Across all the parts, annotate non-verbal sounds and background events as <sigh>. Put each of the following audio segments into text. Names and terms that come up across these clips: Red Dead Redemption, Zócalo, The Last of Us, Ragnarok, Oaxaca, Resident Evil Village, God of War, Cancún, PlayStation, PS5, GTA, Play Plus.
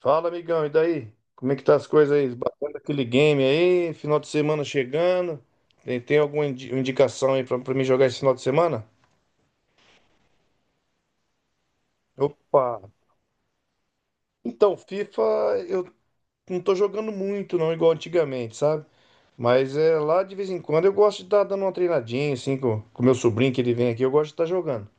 Fala, amigão, e daí? Como é que tá as coisas aí? Bacana aquele game aí, final de semana chegando. Tem alguma indicação aí pra mim jogar esse final de semana? Opa! Então, FIFA eu não tô jogando muito, não, igual antigamente, sabe? Mas é lá de vez em quando eu gosto de estar dando uma treinadinha, assim, com o meu sobrinho que ele vem aqui, eu gosto de estar jogando.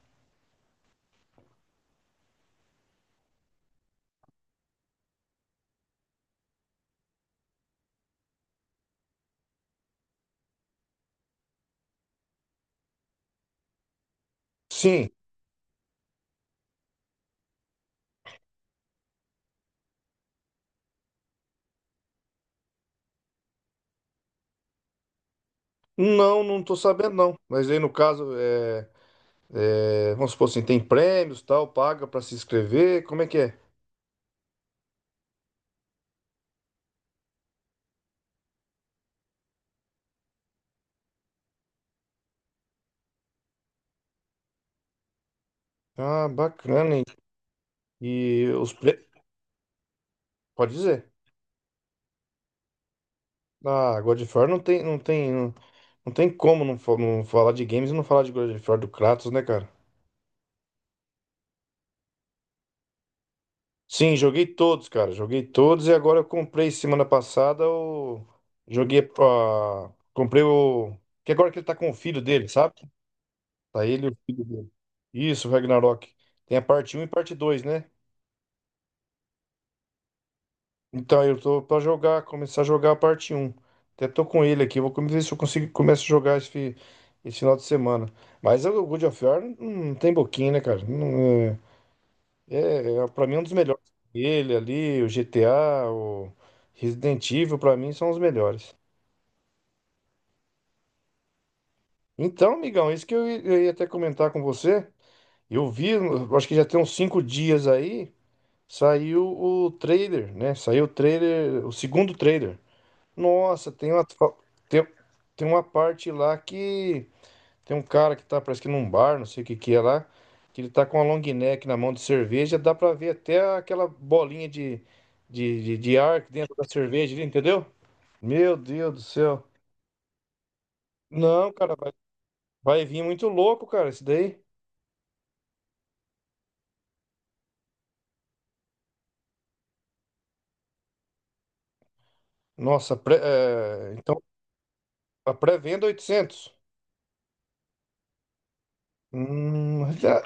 Sim, não, não tô sabendo não. Mas aí no caso, vamos supor assim, tem prêmios, tal, paga pra se inscrever, como é que é? Ah, bacana. E os pre... Pode dizer. Ah, God of War não tem, não, não tem como não, não falar de games e não falar de God of War do Kratos, né, cara? Sim, joguei todos, cara. Joguei todos e agora eu comprei semana passada o. Joguei a. Comprei o. Que agora que ele tá com o filho dele, sabe? Tá ele e o filho dele. Isso, Ragnarok. Tem a parte um e parte dois, né? Então, eu tô pra jogar, começar a jogar a parte um. Até tô com ele aqui, vou ver se eu consigo começo a jogar esse final de semana. Mas o God of War não tem boquinha, né, cara? Não, é, pra mim, é um dos melhores. Ele ali, o GTA, o Resident Evil, pra mim, são os melhores. Então, amigão, isso que eu ia até comentar com você. Eu vi, eu acho que já tem uns 5 dias aí, saiu o trailer, né? Saiu o trailer, o segundo trailer. Nossa, tem, tem uma parte lá que tem um cara que tá, parece que num bar, não sei o que que é lá, que ele tá com uma long neck na mão de cerveja, dá pra ver até aquela bolinha de ar dentro da cerveja ali, entendeu? Meu Deus do céu. Não, cara, vai vir muito louco, cara, isso daí. Nossa, então a pré-venda 800. Hum,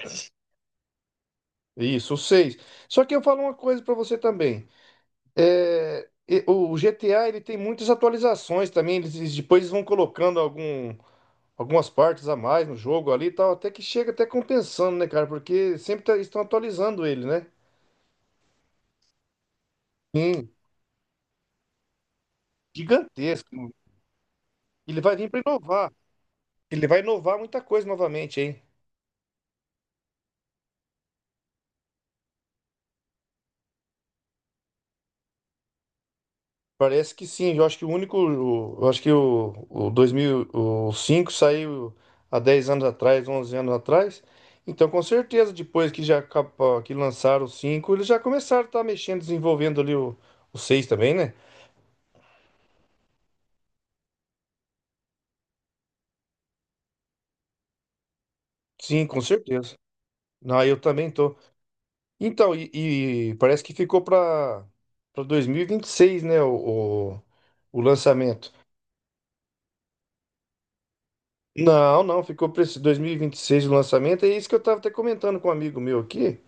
isso, 6. Só que eu falo uma coisa pra você também. O GTA ele tem muitas atualizações também. Eles depois vão colocando algumas partes a mais no jogo ali e tal, até que chega até compensando, né, cara? Porque sempre estão atualizando ele, né? Sim, gigantesco. Ele vai vir para inovar. Ele vai inovar muita coisa novamente, hein? Parece que sim. Eu acho que o 2005 saiu há 10 anos atrás, 11 anos atrás. Então, com certeza, depois que já que lançaram o 5, eles já começaram a estar mexendo, desenvolvendo ali o 6 também, né? Sim, com certeza. Não, eu também tô. Então, e parece que ficou para dois mil e vinte e seis, né? O lançamento. Não, não, ficou para esse dois mil e vinte e seis o lançamento. É isso que eu tava até comentando com um amigo meu aqui.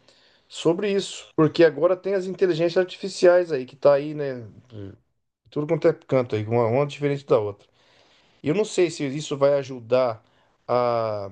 Sobre isso, porque agora tem as inteligências artificiais aí, que tá aí, né? Tudo quanto é canto aí, uma diferente da outra. Eu não sei se isso vai ajudar a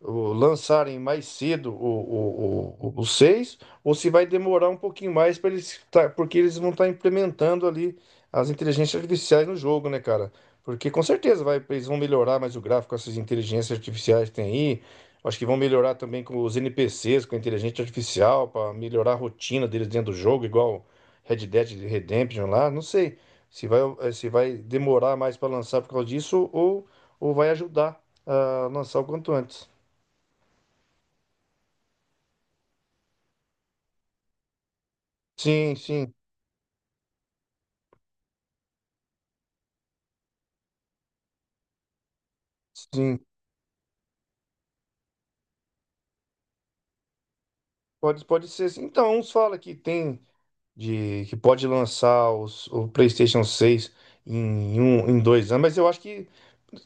lançarem mais cedo o 6 ou se vai demorar um pouquinho mais para eles tá, porque eles vão estar implementando ali as inteligências artificiais no jogo, né, cara? Porque com certeza vai, eles vão melhorar mais o gráfico, essas inteligências artificiais que tem aí. Acho que vão melhorar também com os NPCs, com a inteligência artificial, para melhorar a rotina deles dentro do jogo, igual Red Dead Redemption lá. Não sei se vai demorar mais para lançar por causa disso ou vai ajudar a lançar o quanto antes. Sim, sim, sim. Pode ser. Sim. Então, uns falam que tem de que pode lançar o PlayStation 6 em em 2 anos, mas eu acho que,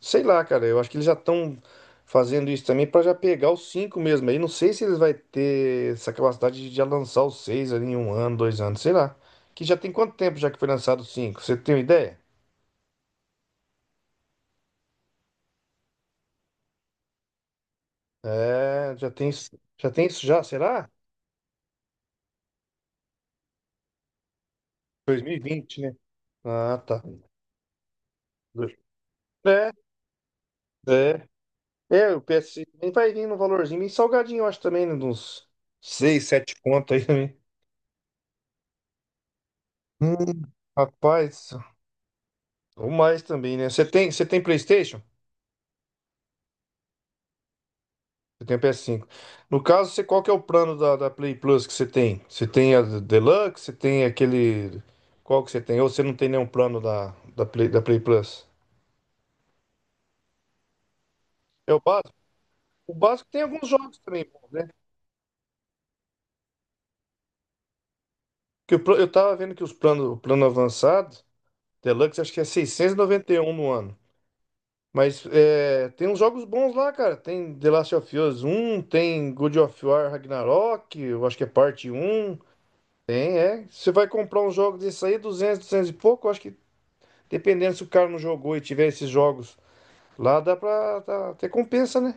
sei lá, cara, eu acho que eles já estão fazendo isso também para já pegar os cinco mesmo. Aí não sei se eles vai ter essa capacidade de já lançar os seis ali em um ano, dois anos, sei lá. Que já tem quanto tempo já que foi lançado os cinco? Você tem uma ideia? É, já tem, já tem isso já, será? Dois mil e vinte, né? Ah, tá. É, é. É, o PS nem vai vir no valorzinho, bem salgadinho, eu acho também, né? De uns 6, 7 conto aí também. Hum, rapaz, ou mais também, né? Você tem PlayStation? Você tem o PS5. No caso, você, qual que é o plano da Play Plus que você tem? Você tem a Deluxe? Você tem aquele. Qual que você tem? Ou você não tem nenhum plano da Play Plus? É o básico? O básico tem alguns jogos também. Que eu tava vendo que o plano avançado, Deluxe, acho que é seiscentos e noventa e um no ano. Mas é, tem uns jogos bons lá, cara. Tem The Last of Us 1, tem God of War Ragnarok, eu acho que é parte um. Tem, é. Você vai comprar um jogo desse aí, 200 e pouco, eu acho que dependendo se o cara não jogou e tiver esses jogos lá, dá pra tá, ter compensa, né?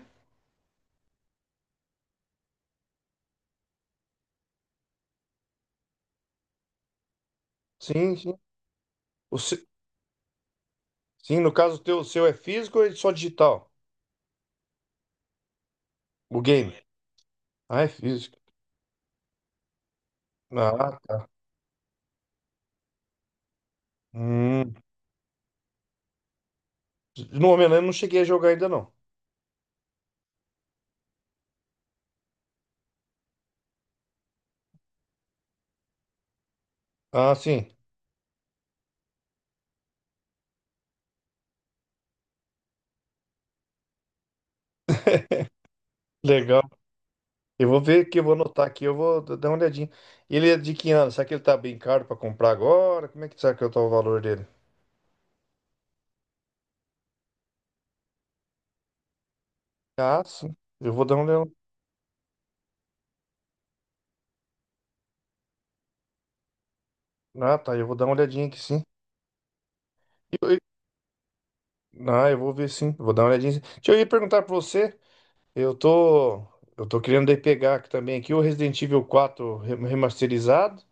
Sim, sim. O se- Sim, no caso, o seu é físico ou é só digital? O game? Ah, é físico. Ah, hum. No momento eu não cheguei a jogar ainda não. Ah, sim. Legal. Eu vou ver aqui, eu vou anotar aqui, eu vou dar uma olhadinha. Ele é de que ano? Será que ele tá bem caro pra comprar agora? Como é que será que tá o valor dele? Ah, sim. Eu vou dar uma olhada. Ah, tá. Eu vou dar uma olhadinha aqui, sim. Eu- eu- Ah, eu vou ver, sim. Vou dar uma olhadinha. Sim. Deixa eu ir perguntar pra você. Eu tô. Eu tô querendo daí pegar aqui também aqui o Resident Evil 4 remasterizado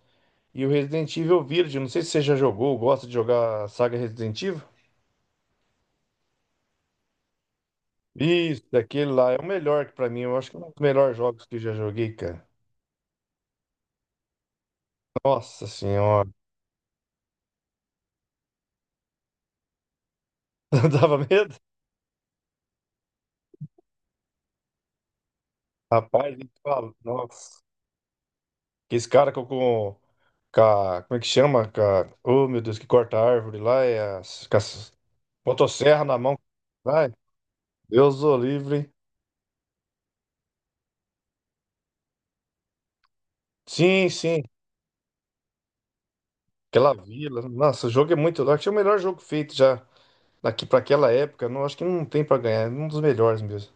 e o Resident Evil Village. Não sei se você já jogou, gosta de jogar a saga Resident Evil? Isso, daquele lá é o melhor que pra mim. Eu acho que é um dos melhores jogos que eu já joguei, cara. Nossa senhora. <laughs> Dava medo? Rapaz, nem fala. Nossa. Que esse cara Como é que chama? Oh, meu Deus, que corta a árvore lá. É com as motosserra na mão. Vai. Deus o livre, hein? Sim, sim. Aquela vila. Nossa, o jogo é muito louco. Acho que é o melhor jogo feito já daqui para aquela época. Não, acho que não tem para ganhar. É um dos melhores mesmo.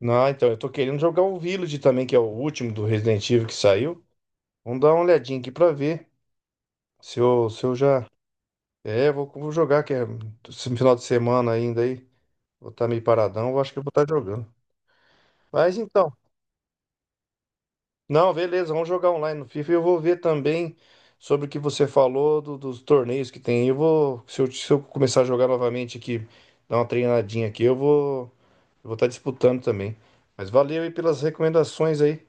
Não, então, eu tô querendo jogar o Village também, que é o último do Resident Evil que saiu. Vamos dar uma olhadinha aqui pra ver se eu já. É, vou jogar, que é esse final de semana ainda aí. Vou estar meio paradão, eu acho que eu vou estar jogando. Mas então, não, beleza, vamos jogar online no FIFA. E eu vou ver também sobre o que você falou dos torneios que tem. Eu vou, se eu, se eu começar a jogar novamente aqui, dar uma treinadinha aqui, eu vou estar disputando também. Mas valeu aí pelas recomendações aí.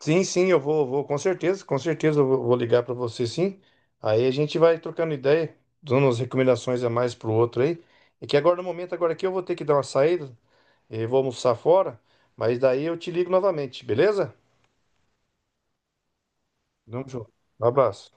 Sim, sim, eu vou, com certeza eu vou ligar para você, sim. Aí a gente vai trocando ideia, dando umas recomendações a mais pro outro aí. É que agora no momento agora aqui eu vou ter que dar uma saída, eu vou almoçar fora, mas daí eu te ligo novamente, beleza? Vamos junto. Um abraço.